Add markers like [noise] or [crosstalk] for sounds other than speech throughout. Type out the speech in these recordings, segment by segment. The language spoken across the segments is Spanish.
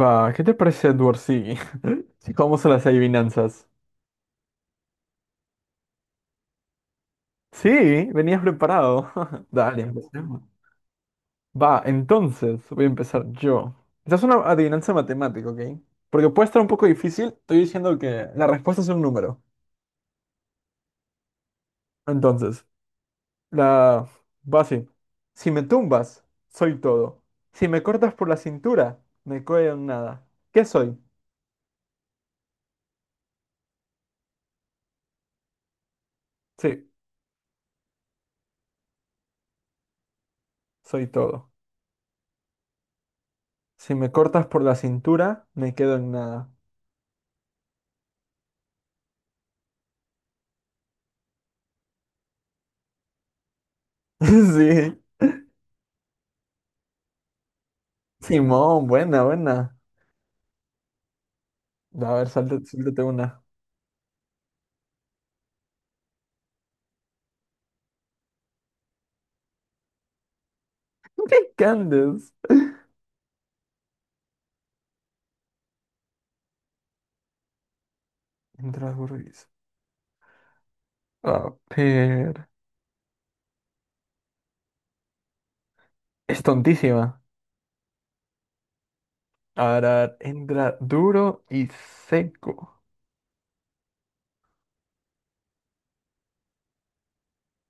Va, ¿qué te parece Edward? Sí. [laughs] Sí, ¿cómo son las adivinanzas? Sí, venías preparado. [laughs] Dale, empecemos. Va, entonces voy a empezar yo. Esta es una adivinanza matemática, ¿ok? Porque puede estar un poco difícil. Estoy diciendo que la respuesta es un número. Entonces, la va así. Si me tumbas, soy todo. Si me cortas por la cintura, me quedo en nada. ¿Qué soy? Sí, soy todo. Si me cortas por la cintura, me quedo en nada. [laughs] Sí. Simón, buena, buena. A ver, suéltate, suéltate una. [laughs] ¿Qué andes? Entra Burris. A ver. Es tontísima. A ver, a ver. Entra duro y seco.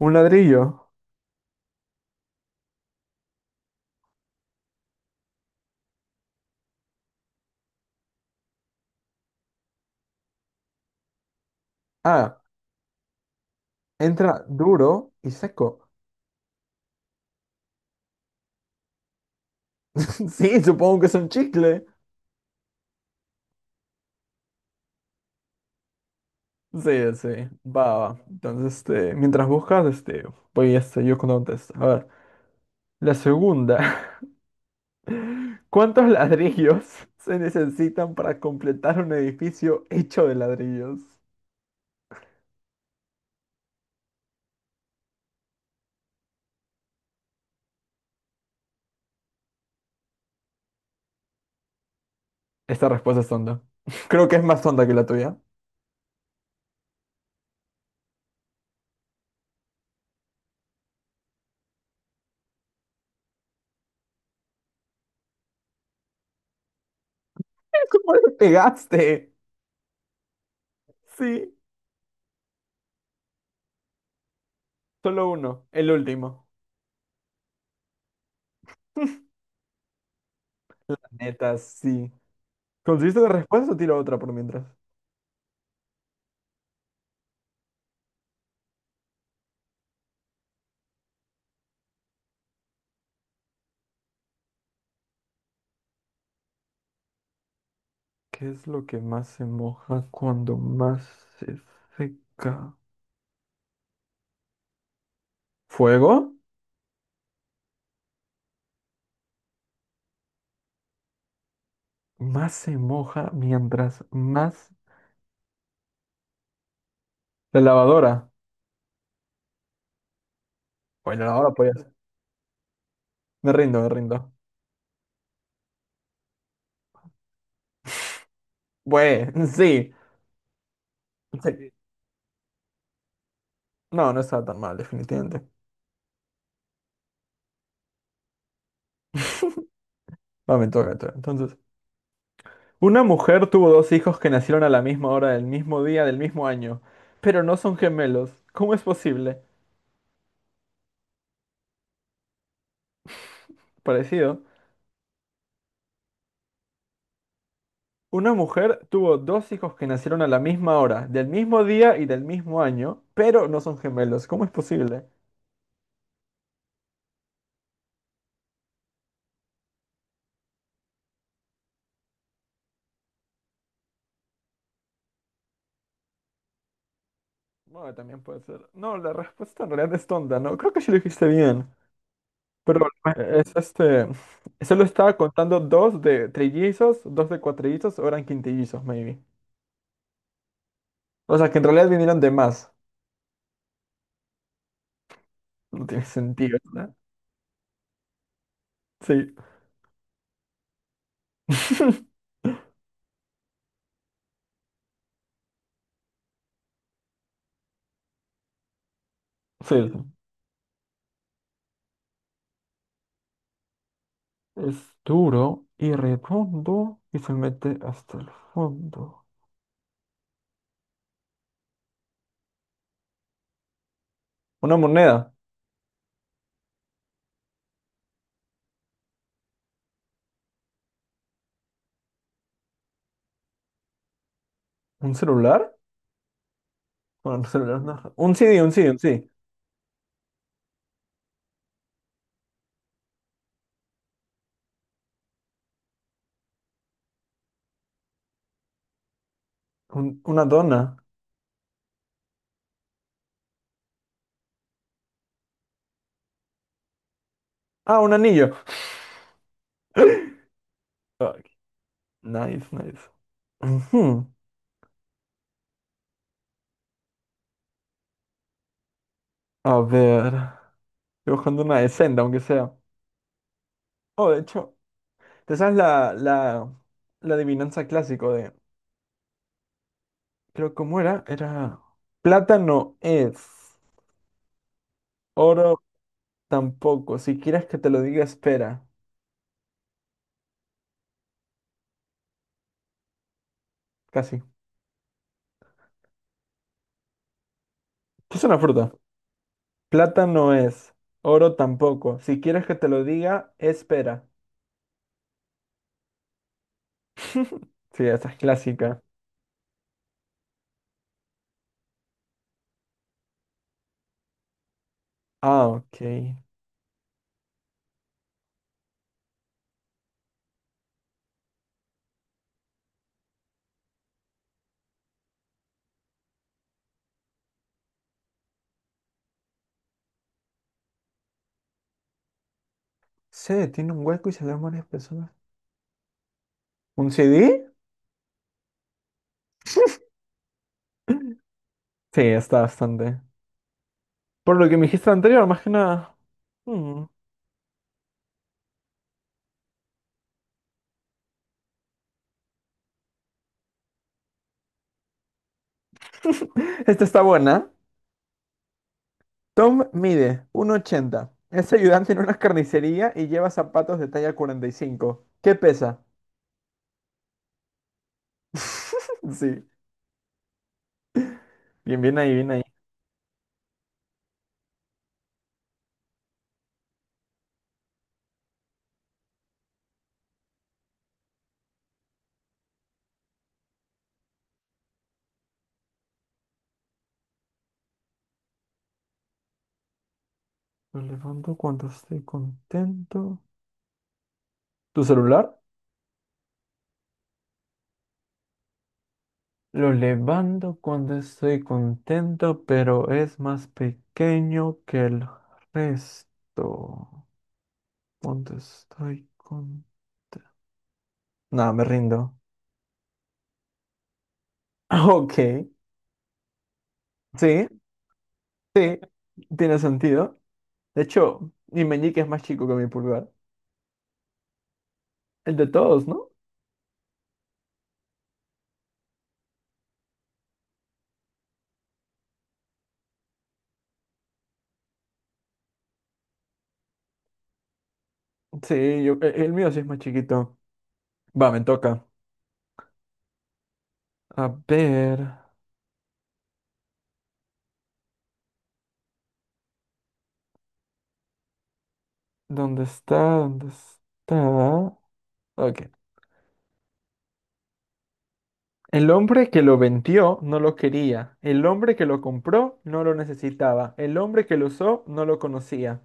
Un ladrillo. Ah, entra duro y seco. [laughs] Sí, supongo que es un chicle. Sí, sí. Va, va. Entonces, mientras buscas, voy yo contesto. A ver. La segunda. [laughs] ¿Cuántos ladrillos se necesitan para completar un edificio hecho de ladrillos? Esta respuesta es tonta. [laughs] Creo que es más tonta que la tuya. [laughs] ¿Cómo le pegaste? Sí, solo uno, el último. Neta, sí. ¿Conseguiste la respuesta o tiro otra por mientras? ¿Qué es lo que más se moja cuando más se seca? ¿Fuego? Más se moja mientras más... La lavadora. Bueno, la lavadora podía ser. Me rindo, me rindo. Bueno, sí. Sí. No, no estaba tan mal, definitivamente. Va, me toca, me toca. Entonces, una mujer tuvo dos hijos que nacieron a la misma hora, del mismo día, del mismo año, pero no son gemelos. ¿Cómo es posible? Parecido. Una mujer tuvo dos hijos que nacieron a la misma hora, del mismo día y del mismo año, pero no son gemelos. ¿Cómo es posible? Bueno, también puede ser. No, la respuesta en realidad es tonta, ¿no? Creo que sí lo dijiste bien. Pero es este. Solo estaba contando dos de trillizos, dos de cuatrillizos, o eran quintillizos, maybe. O sea, que en realidad vinieron de más. No tiene sentido, ¿verdad? Sí. [laughs] Sí, es duro y redondo y se mete hasta el fondo. ¿Una moneda? ¿Un celular? Bueno, un celular no. Un CD, un CD, un CD. Una dona. Ah, un anillo. [laughs] Ok, nice, nice. Ujú. A ver. Estoy buscando una de Senda, aunque sea. Oh, de hecho, ¿te sabes la adivinanza clásico de... Creo cómo era plata no es, oro tampoco. Si quieres que te lo diga, espera. Casi. ¿Es una fruta? Plata no es, oro tampoco. Si quieres que te lo diga, espera. Sí, esa es clásica. Ah, ok. Sí, tiene un hueco y se le dan varias personas. ¿Un CD? [clears throat] Sí, está bastante. Por lo que me dijiste anterior, más que nada. Mm. Esta está buena. Tom mide 1,80. Es ayudante en una carnicería y lleva zapatos de talla 45. ¿Qué pesa? [laughs] Sí, bien, bien ahí, bien ahí. Lo levanto cuando estoy contento. ¿Tu celular? Lo levanto cuando estoy contento, pero es más pequeño que el resto. Cuando estoy contento. No, me rindo. [laughs] Ok, sí, sí, tiene sentido. De hecho, mi meñique es más chico que mi pulgar. El de todos, ¿no? Sí, yo, el mío sí es más chiquito. Va, me toca. A ver, ¿dónde está? ¿Dónde está? Ok. El hombre que lo vendió no lo quería. El hombre que lo compró no lo necesitaba. El hombre que lo usó no lo conocía.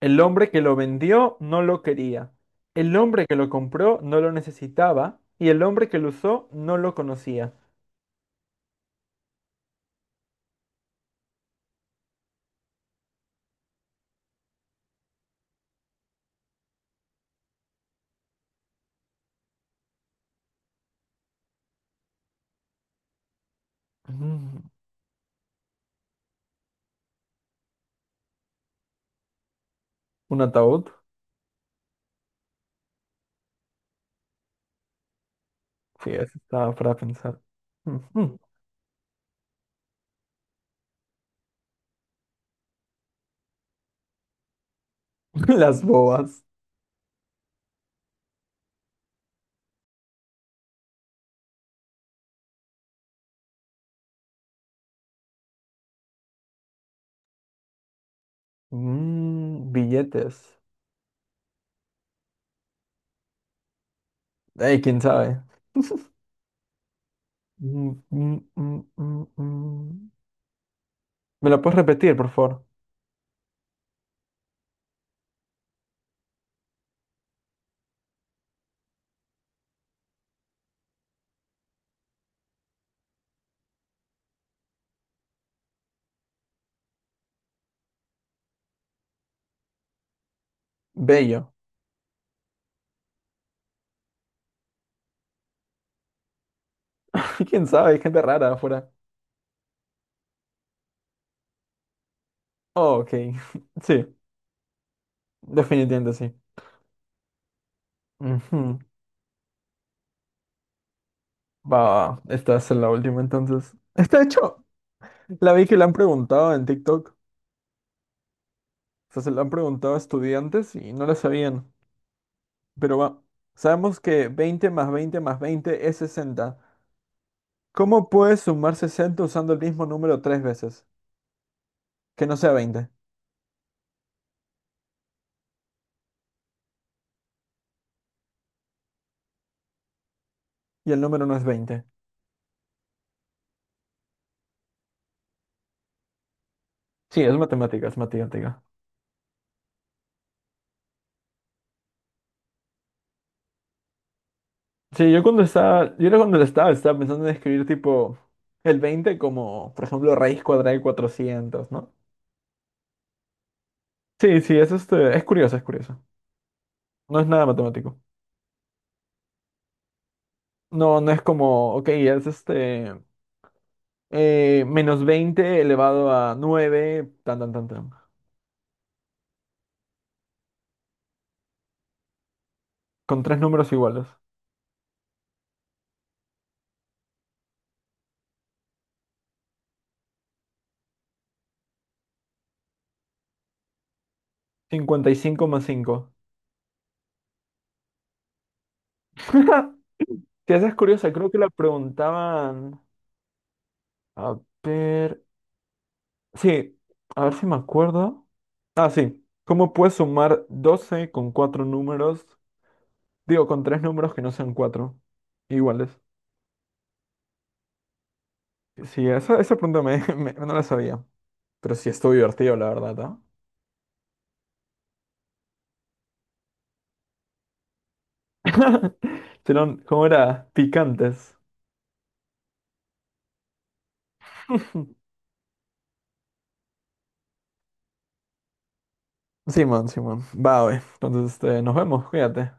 El hombre que lo vendió no lo quería. El hombre que lo compró no lo necesitaba. Y el hombre que lo usó no lo conocía. Mm, ¿un ataúd? Sí, eso estaba para pensar. Ujú. [laughs] Las bobas. Mm, billetes. Ey, quién sabe. Mm, mm, mm, mm, mm. ¿Me la puedes repetir, por favor? Bello. [laughs] ¿Quién sabe? Hay gente rara afuera. Oh, ok. [laughs] Sí, definitivamente sí. Ujú. Va, va, esta es la última entonces. Está hecho. La vi que la han preguntado en TikTok. O sea, se la han preguntado a estudiantes y no la sabían. Pero va. Sabemos que 20 más 20 más 20 es 60. ¿Cómo puedes sumar 60 usando el mismo número tres veces? Que no sea 20. Y el número no es 20. Sí, es matemática, es matemática. Sí, yo cuando estaba, yo era cuando estaba, estaba pensando en escribir tipo el 20 como, por ejemplo, raíz cuadrada de 400, ¿no? Sí, sí, es este, es curioso, es curioso. No es nada matemático. No, no es como, ok, menos 20 elevado a 9, tan, tan, tan, tan. Con tres números iguales. 55 más 5. [laughs] Sí, esa es curiosa, creo que la preguntaban. A ver. Sí, a ver si me acuerdo. Ah, sí. ¿Cómo puedes sumar 12 con cuatro números? Digo, con tres números que no sean cuatro iguales. Sí, esa pregunta me, [laughs] me- no la sabía. Pero sí estuvo divertido, la verdad, ¿ah? Si ¿no? [laughs] Serán, ¿cómo era? Picantes. [laughs] Simón, Simón. Va, güey. Entonces, este, nos vemos, cuídate.